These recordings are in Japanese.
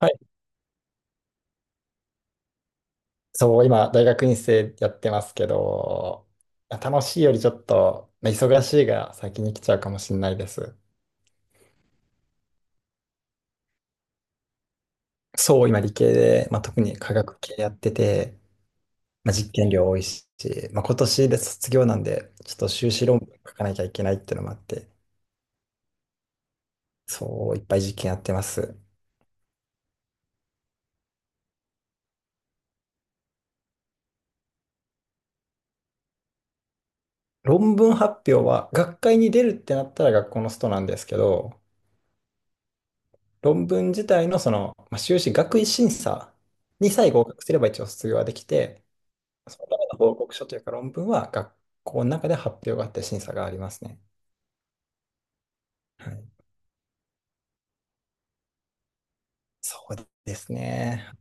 はい、そう、今、大学院生やってますけど、楽しいよりちょっと、まあ忙しいが先に来ちゃうかもしれないです。そう、今、理系で、まあ、特に科学系やってて、まあ、実験量多いし、まあ、今年で卒業なんで、ちょっと修士論文書かなきゃいけないっていうのもあって、そう、いっぱい実験やってます。論文発表は、学会に出るってなったら学校のストなんですけど、論文自体のその、まあ、修士学位審査にさえ合格すれば一応卒業はできて、そのための報告書というか論文は学校の中で発表があって審査がありますね。はい。そうですね。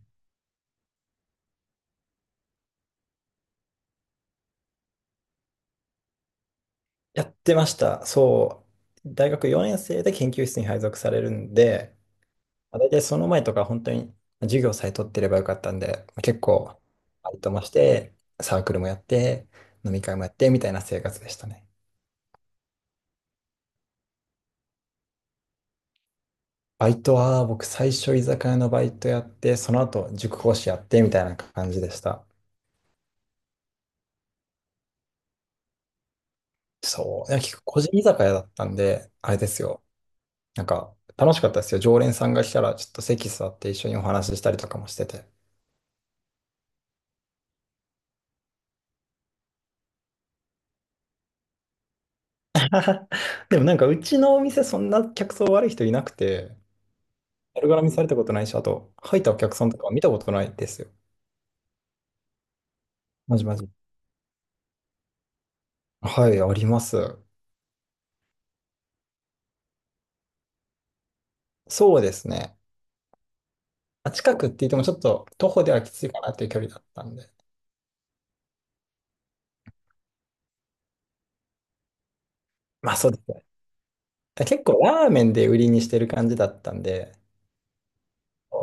やってました。そう。大学4年生で研究室に配属されるんで、まあ大体その前とか本当に授業さえ取ってればよかったんで、まあ結構、バイトもして、サークルもやって、飲み会もやってみたいな生活でしたね。バイトは僕最初居酒屋のバイトやって、その後塾講師やってみたいな感じでした。そう。いや、結構個人居酒屋だったんで、あれですよ。なんか、楽しかったですよ。常連さんが来たら、ちょっと席座って一緒にお話ししたりとかもしてて。でもなんか、うちのお店、そんな客層悪い人いなくて、悪絡みされたことないし、あと、入ったお客さんとか見たことないですよ。まじまじ。はい、あります。そうですね。あ、近くって言っても、ちょっと徒歩ではきついかなっていう距離だったんで。まあ、そうですね。結構、ラーメンで売りにしてる感じだったんで、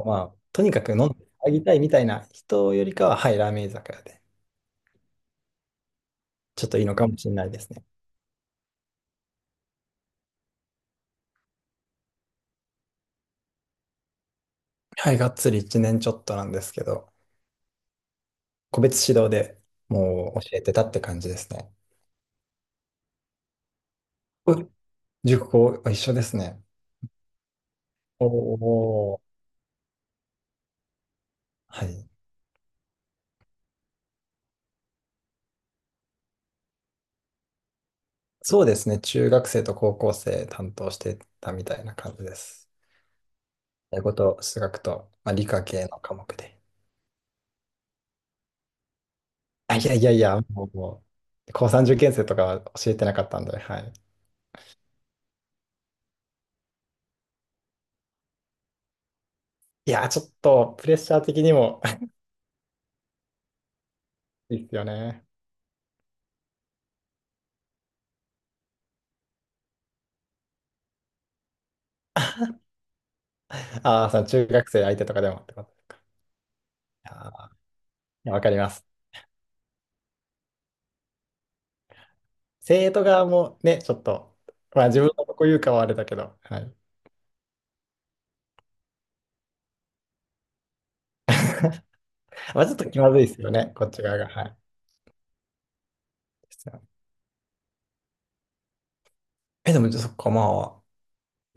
まあ、とにかく飲んであげたいみたいな人よりかは、はい、ラーメン居酒屋で、ちょっといいのかもしれないですね。はい、がっつり1年ちょっとなんですけど、個別指導でもう教えてたって感じですね。お塾校一緒ですね。おー、はい。そうですね。中学生と高校生担当してたみたいな感じです。英語と数学と、まあ、理科系の科目で。あ、いやいやいや、もう高三受験生とかは教えてなかったんで、はい。いや、ちょっとプレッシャー的にも いいっすよね。ああ、その中学生相手とかでもってこと。あー、いやわかります。生徒側もね、ちょっと、まあ自分のとこ言うかはあれだけど、はい。まあちょっと気まずいですよね、こっち側が。はい。ですよね。え、でも、そっか、まあ、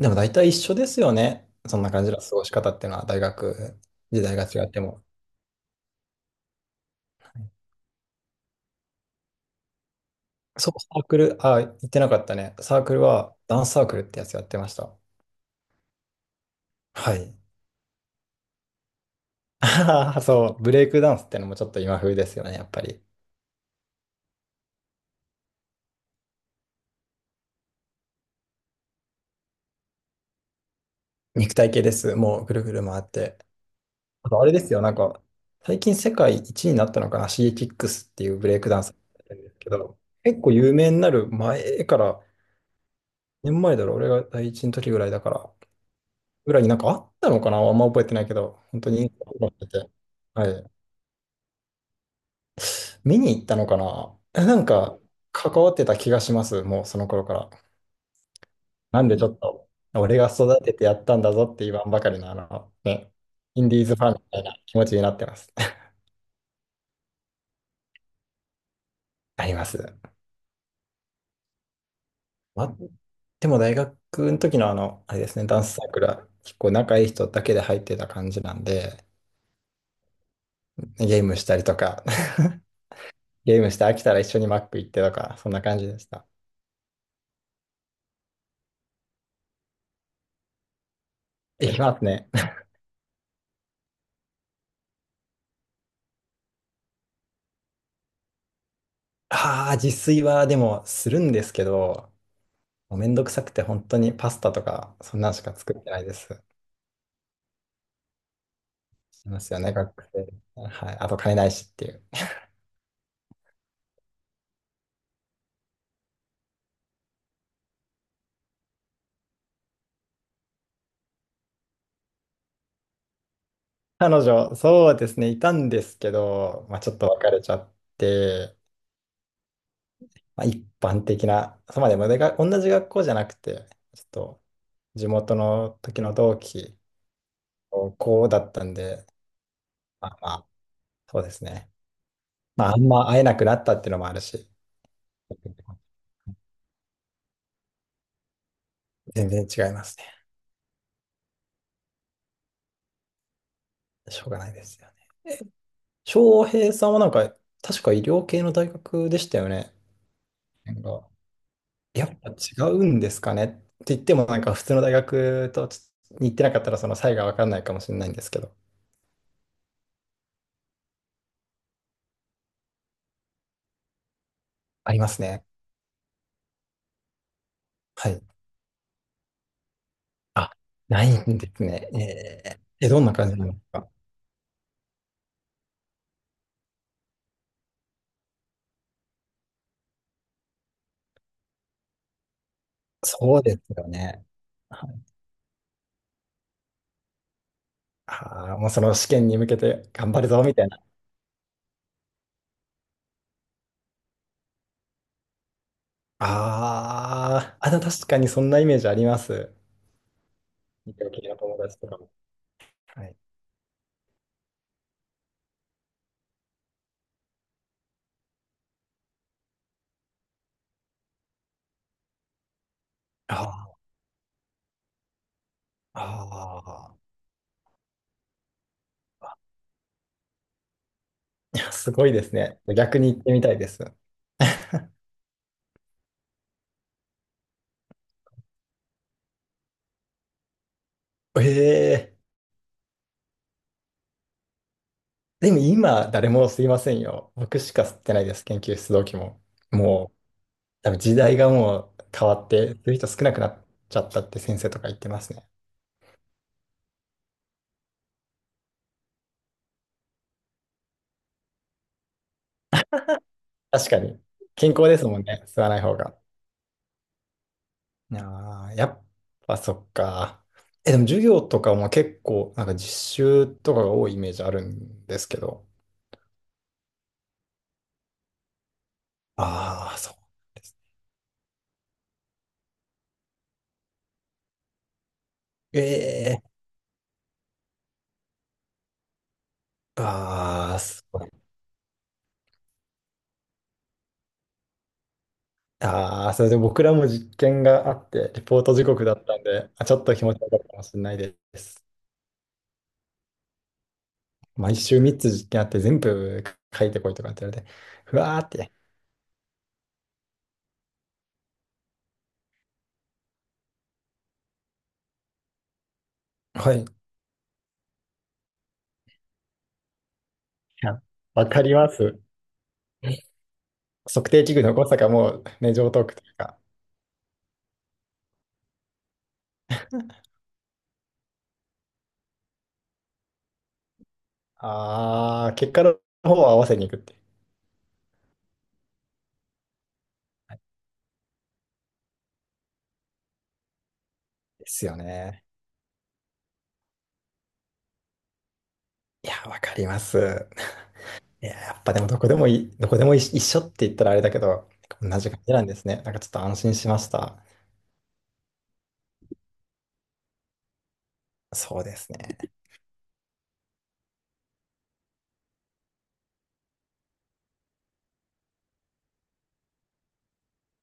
でも大体一緒ですよね。そんな感じの過ごし方っていうのは、大学時代が違っても。はい。そう、サークル、あ、言ってなかったね。サークルは、ダンスサークルってやつやってました。はい。あはは、そう、ブレイクダンスってのもちょっと今風ですよね、やっぱり。肉体系です。もうぐるぐる回って。あとあれですよ、なんか、最近世界一になったのかな、シーキックスっていうブレイクダンサーやってるんですけど、結構有名になる前から、年前だろ、俺が第一の時ぐらいだから、ぐらいになんかあったのかな、あんま覚えてないけど、本当に、はい。見に行ったのかな、なんか、関わってた気がします、もうその頃から。なんでちょっと、俺が育ててやったんだぞって言わんばかりの、あの、ね、インディーズファンみたいな気持ちになってます。あります。まあ、でも大学の時のあの、あれですね、ダンスサークルは結構仲いい人だけで入ってた感じなんで、ゲームしたりとか、ゲームして飽きたら一緒にマック行ってとか、そんな感じでした。いきますね。ああ、自炊はでもするんですけど、もうめんどくさくて本当にパスタとか、そんなんしか作ってないです。しますよね、学生。はい。あと金ないしっていう。彼女、そうですね、いたんですけど、まあ、ちょっと別れちゃって、まあ、一般的な、そうまあでもでが同じ学校じゃなくて、ちょっと地元の時の同期、高校だったんで、まあ、そうですね。まあ、あんま会えなくなったっていうのもあるし、全然違いますね。しょうがないですよね。翔平さんはなんか、確か医療系の大学でしたよね。なんか、やっぱ違うんですかねって言っても、なんか普通の大学とちょっとに行ってなかったら、その差異が分かんないかもしれないんですけど、ありますね。はい。あ、ないんですね。どんな感じなのか。そうですよね。はい、ああ、もうその試験に向けて頑張るぞ、みたいな。ああ、あ、でも確かにそんなイメージあります。医療系の友達とかも。はい。ああ、ああ、いや、すごいですね。逆に行ってみたいです。ええ、でも今、誰もすいませんよ。僕しか吸ってないです、研究室同期も。もう、多分時代がもう変わって、そういう人少なくなっちゃったって先生とか言ってますね。確かに。健康ですもんね、吸わない方が。ああ、やっぱそっか。え、でも授業とかも結構、なんか実習とかが多いイメージあるんですけど。ああ、そうですね。ええ、ああ、すごい。ああ、それで僕らも実験があって、リポート時刻だったんで、あ、ちょっと気持ち悪かったかもしれないです。毎週3つ実験あって、全部書いてこいとかって言われて、ふわーって。はい。いや、わかります。測定器具の誤差がもうね、常套句というか、ああ、結果の方を合わせに行くって。ですよね。いや、わかります。いや、やっぱでもどこでもいい、どこでもい一緒って言ったらあれだけど、同じ感じなんですね。なんかちょっと安心しました。そうですね。